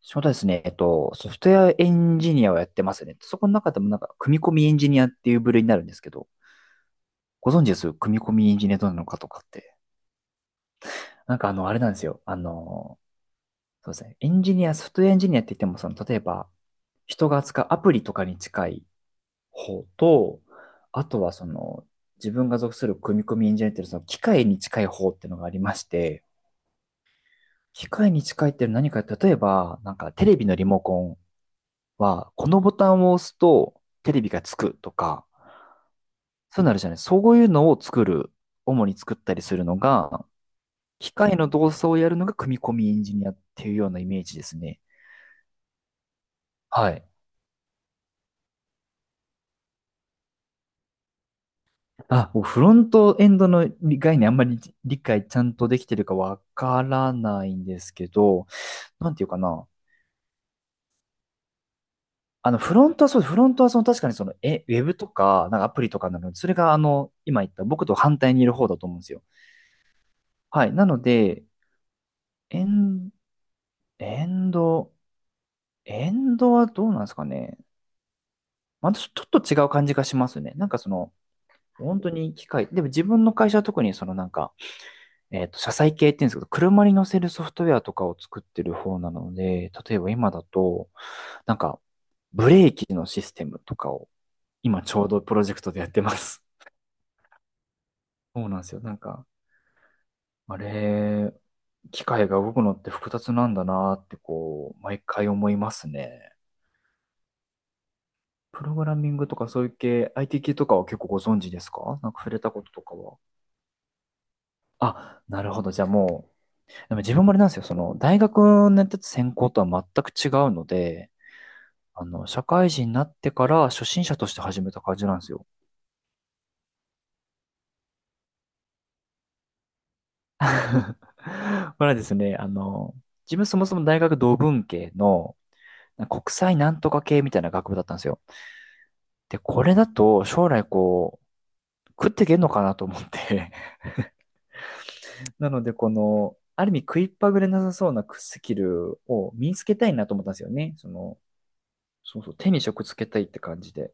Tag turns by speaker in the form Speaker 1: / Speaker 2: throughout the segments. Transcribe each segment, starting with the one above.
Speaker 1: 仕事はですね、ソフトウェアエンジニアをやってますね。そこの中でもなんか、組み込みエンジニアっていう部類になるんですけど、ご存知です組み込みエンジニアどうなのかとかって。なんかあれなんですよ。そうですね。エンジニア、ソフトウェアエンジニアって言っても、その、例えば、人が扱うアプリとかに近い方と、あとはその、自分が属する組み込みエンジニアっていうその機械に近い方っていうのがありまして、機械に近いっていうのは何か、例えば、なんかテレビのリモコンは、このボタンを押すとテレビがつくとか、そうなるじゃない。そういうのを主に作ったりするのが、機械の動作をやるのが組み込みエンジニアっていうようなイメージですね。はい。あ、もうフロントエンドの概念あんまり理解ちゃんとできてるかわからないんですけど、なんていうかな。フロントはその確かにその、ウェブとか、なんかアプリとかなので、それが今言った僕と反対にいる方だと思うんですよ。はい。なので、エンエンド、エンドはどうなんですかね。またちょっと違う感じがしますね。なんかその、本当に機械、でも自分の会社は特にそのなんか、車載系って言うんですけど、車に乗せるソフトウェアとかを作ってる方なので、例えば今だと、なんか、ブレーキのシステムとかを、今ちょうどプロジェクトでやってます。そうなんですよ。なんか、あれ、機械が動くのって複雑なんだなってこう、毎回思いますね。プログラミングとかそういう系、IT 系とかは結構ご存知ですか？なんか触れたこととかは。あ、なるほど。じゃあもう、でも自分もあれなんですよ。その、大学のやってた専攻とは全く違うので、社会人になってから初心者として始めた感じなんですよ。まあですね、自分そもそも大学同文系の国際なんとか系みたいな学部だったんですよ。で、これだと将来こう、食っていけんのかなと思って。なので、この、ある意味食いっぱぐれなさそうなスキルを身につけたいなと思ったんですよね。そうそう、手に職つけたいって感じで。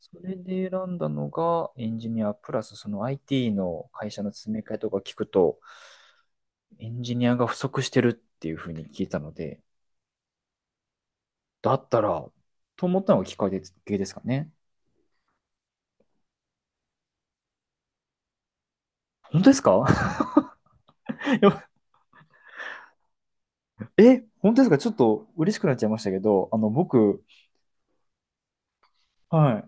Speaker 1: それで選んだのがエンジニア、プラスその IT の会社の詰め替えとか聞くと、エンジニアが不足してるっていうふうに聞いたので、だったら、と思ったのがきっかけですかね。本当ですか？ 本当ですか？ちょっと嬉しくなっちゃいましたけど、僕、は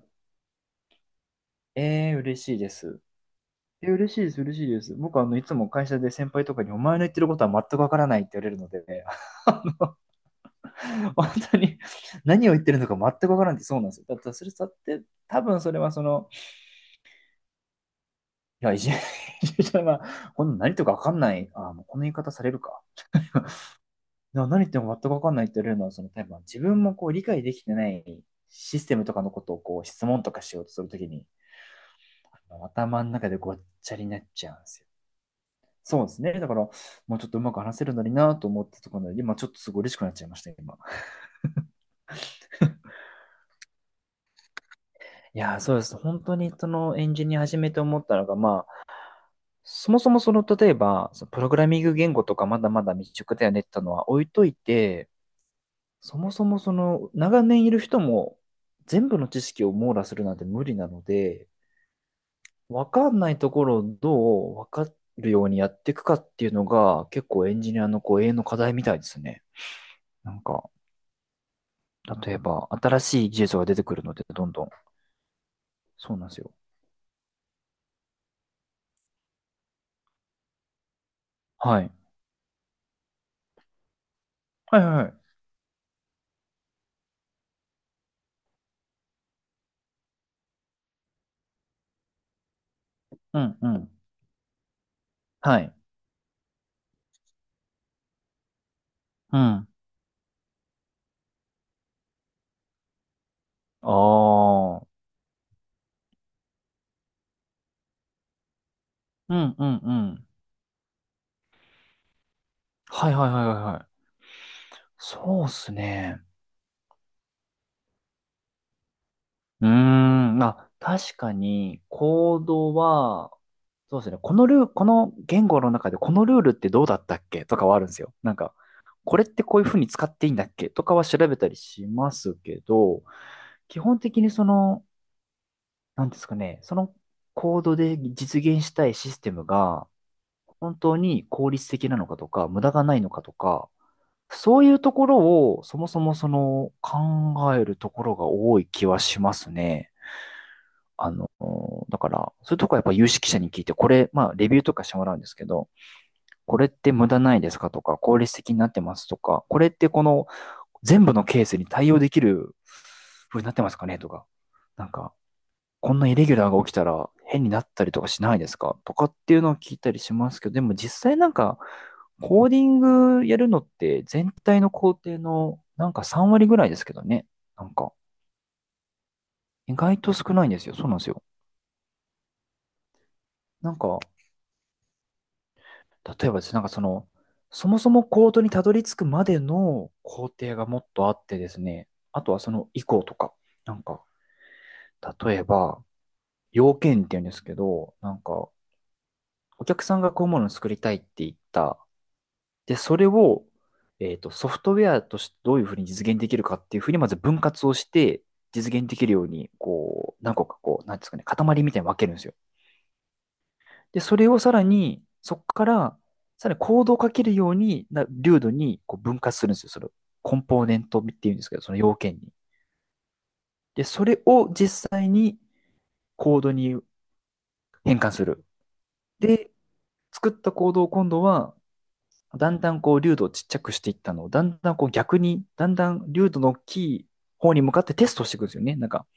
Speaker 1: い。嬉しいです。嬉しいです、嬉しいです。僕、いつも会社で先輩とかに、お前の言ってることは全くわからないって言われるので、あ本当に何を言ってるのか全くわからないってそうなんですよ。だってそれだって多分それはその、いや、いじめは、この何とかわかんない、あもうこの言い方されるか。何言っても全くわかんないって言われるのは、その、多分自分もこう理解できてないシステムとかのことをこう質問とかしようとするときに、頭の中でごっちゃになっちゃうんですよ。そうですね。だから、もうちょっとうまく話せるのになと思ったところで、今ちょっとすごい嬉しくなっちゃいました、今。いやー、そうです。本当にそのエンジニア始めて思ったのが、まあ、そもそもその、例えば、そのプログラミング言語とかまだまだ未熟だよねってのは置いといて、そもそもその、長年いる人も全部の知識を網羅するなんて無理なので、わかんないところをどうわかるようにやっていくかっていうのが、結構エンジニアのこう永遠の課題みたいですね。なんか。例えば、新しい技術が出てくるので、どんどん。そうなんですよ。はい。はいはいはい。うんうん。はい。うん。ああ。うんうんうん。はいはいはいはいはい。そうっすね。うーん。あ、確かに、コードは、そうですね。このルール、この言語の中でこのルールってどうだったっけとかはあるんですよ。なんか、これってこういうふうに使っていいんだっけとかは調べたりしますけど、基本的にその、なんですかね、そのコードで実現したいシステムが本当に効率的なのかとか、無駄がないのかとか、そういうところをそもそもその考えるところが多い気はしますね。あの、だから、そういうとこはやっぱ有識者に聞いて、これ、まあ、レビューとかしてもらうんですけど、これって無駄ないですかとか、効率的になってますとか、これってこの全部のケースに対応できる風になってますかねとか、なんか、こんなイレギュラーが起きたら変になったりとかしないですかとかっていうのを聞いたりしますけど、でも実際なんか、コーディングやるのって全体の工程のなんか3割ぐらいですけどね。なんか、意外と少ないんですよ。そうなんですよ。なんか、例えばですね、なんかその、そもそもコードにたどり着くまでの工程がもっとあってですね、あとはその以降とか、なんか、例えば、要件って言うんですけど、なんか、お客さんがこういうものを作りたいって言った。で、それを、ソフトウェアとしてどういうふうに実現できるかっていうふうに、まず分割をして、実現できるように、こう、何個かこう、なんですかね、塊みたいに分けるんですよ。で、それをさらに、そこから、さらにコードをかけるようにな、流度にこう分割するんですよ。その、コンポーネントっていうんですけど、その要件に。で、それを実際コードに変換する。で、作ったコードを今度はだんだんこう、粒度をちっちゃくしていったのを、だんだんこう逆に、だんだん粒度の大きい方に向かってテストしていくんですよね。なんか、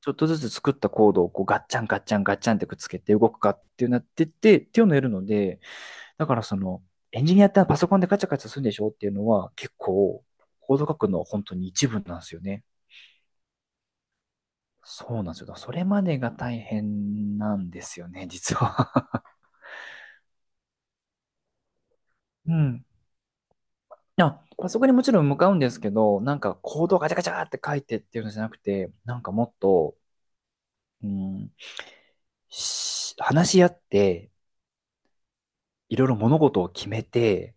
Speaker 1: ちょっとずつ作ったコードをこうガッチャンガッチャンガッチャンってくっつけて動くかっていうなってって、っていうのをやるので、だからその、エンジニアってパソコンでガチャガチャするんでしょっていうのは結構、コード書くのは本当に一部なんですよね。そうなんですよ。それまでが大変なんですよね、実は。うん。あ、パソコンにもちろん向かうんですけど、なんかコードをガチャガチャって書いてっていうのじゃなくて、なんかもっと、うん、話し合って、いろいろ物事を決めて、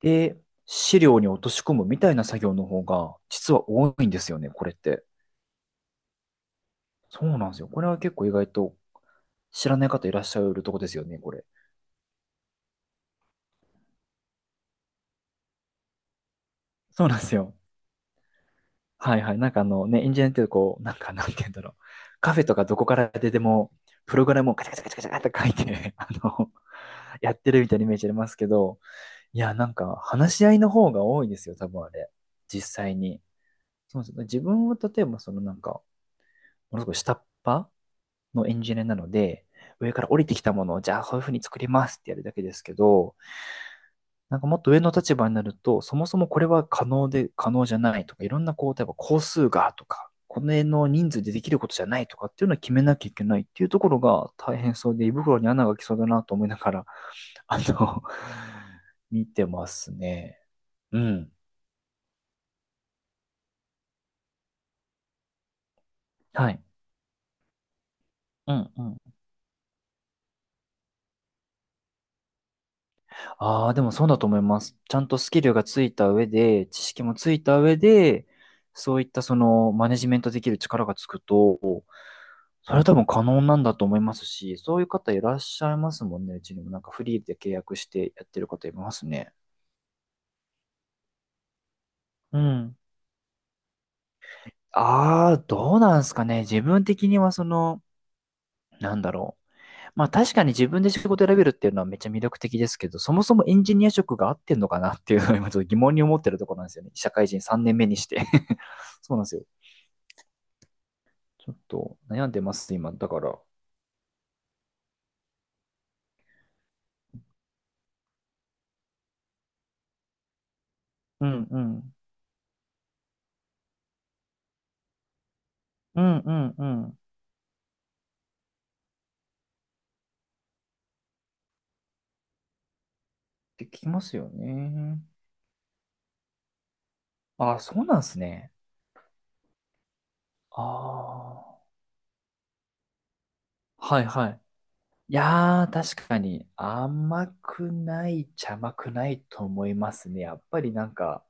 Speaker 1: で、資料に落とし込むみたいな作業の方が、実は多いんですよね、これって。そうなんですよ。これは結構意外と知らない方いらっしゃるとこですよね、これ。そうなんですよ。はいはい。あのね、エンジニアってこう、なんて言うんだろう。カフェとかどこから出ても、プログラムをカチャカチャカチャカチャって書いて、やってるみたいなイメージありますけど、いや、なんか話し合いの方が多いですよ、多分あれ。実際に。そうですね。自分は例えば、ものすごい下っ端のエンジニアなので、上から降りてきたものを、じゃあこういうふうに作りますってやるだけですけど、なんかもっと上の立場になると、そもそもこれは可能で、可能じゃないとか、いろんなこう、例えば工数がとか、この辺の人数でできることじゃないとかっていうのを決めなきゃいけないっていうところが大変そうで、胃袋に穴が来そうだなと思いながら、あの、見てますね。うん。はい。うんうん。ああ、でもそうだと思います。ちゃんとスキルがついた上で、知識もついた上で、そういったそのマネジメントできる力がつくと、それは多分可能なんだと思いますし、そういう方いらっしゃいますもんね。うちにもなんかフリーで契約してやってる方いますね。うん。ああ、どうなんですかね。自分的にはなんだろう。まあ確かに自分で仕事選べるっていうのはめっちゃ魅力的ですけど、そもそもエンジニア職が合ってんのかなっていうのを 今ちょっと疑問に思ってるところなんですよね。社会人3年目にして そうなんですよ。ちょっと悩んでます、今。だから。うんうん。うんうんうん。って聞きますよね。ああ、そうなんですね。ああ。はいはい。いやー、確かに甘くないっちゃ甘くないと思いますね。やっぱりなんか、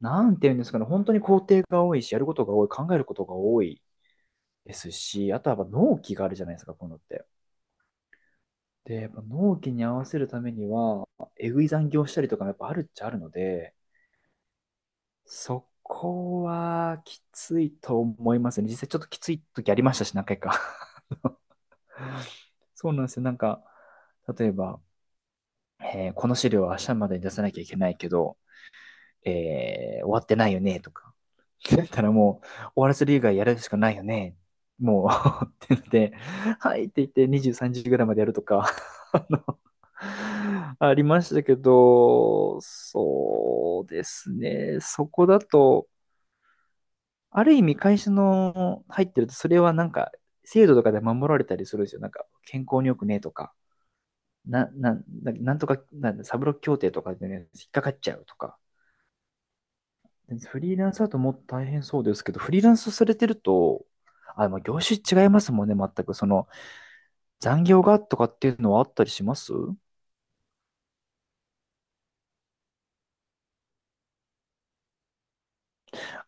Speaker 1: なんて言うんですかね。本当に工程が多いし、やることが多い、考えることが多い。ですし、あとはやっぱ納期があるじゃないですか、こういうのって。で、やっぱ納期に合わせるためには、えぐい残業したりとかもやっぱあるっちゃあるので、そこはきついと思いますね。実際ちょっときつい時ありましたし、何回か。そうなんですよ。なんか、例えば、この資料は明日までに出さなきゃいけないけど、終わってないよね、とか。だったらもう、終わらせる以外やるしかないよね。もう って言って、はいって言って23時ぐらいまでやるとか、ありましたけど、そうですね。そこだと、ある意味会社の入ってると、それはなんか、制度とかで守られたりするんですよ。なんか、健康に良くねえとか、な、な、ななんとか、なんだ、サブロック協定とかでね、引っかかっちゃうとか。フリーランスだともっと大変そうですけど、フリーランスされてると、あ、まあ業種違いますもんね、全く。その、残業がとかっていうのはあったりします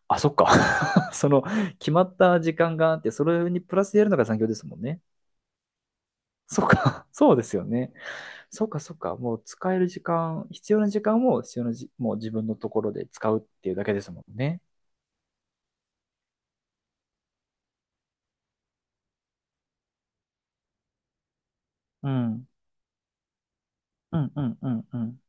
Speaker 1: あ、そっか。その、決まった時間があって、それにプラスでやるのが残業ですもんね。そっか。そうですよね。そっか、そっか。もう使える時間、必要な時間を必要なじ、もう自分のところで使うっていうだけですもんね。うん。うん、うん、うん、うん。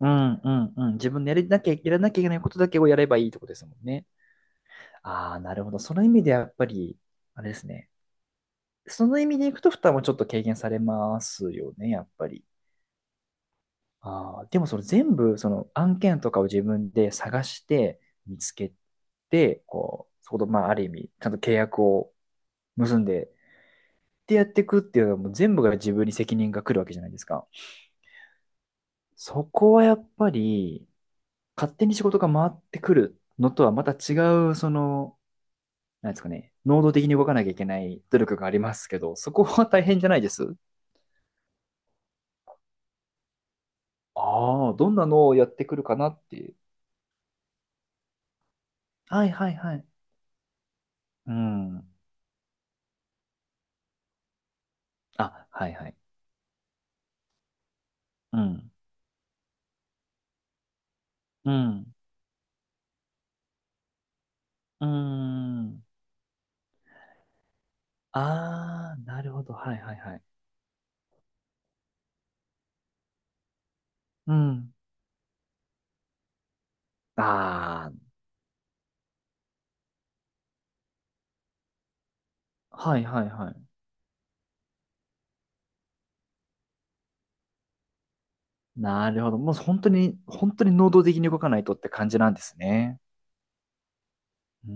Speaker 1: うん、うん、うん。自分でやりなきゃ、やらなきゃいけないことだけをやればいいとこですもんね。ああ、なるほど。その意味でやっぱり、あれですね。その意味でいくと負担もちょっと軽減されますよね、やっぱり。ああ、でもその全部その案件とかを自分で探して見つけて、こう、そことまあある意味、ちゃんと契約を結んでってやっていくっていうのはもう全部が自分に責任が来るわけじゃないですか。そこはやっぱり勝手に仕事が回ってくるのとはまた違う、その、なんですかね、能動的に動かなきゃいけない努力がありますけど、そこは大変じゃないです。ああ、どんなのをやってくるかなっていう。はいはいはい。うん。あ、はいはい。うん。うん。うん。ああ、なるほど。はいはいはい。うん。ああ、はいはいはい。なるほど。もう本当に、本当に能動的に動かないとって感じなんですね。うん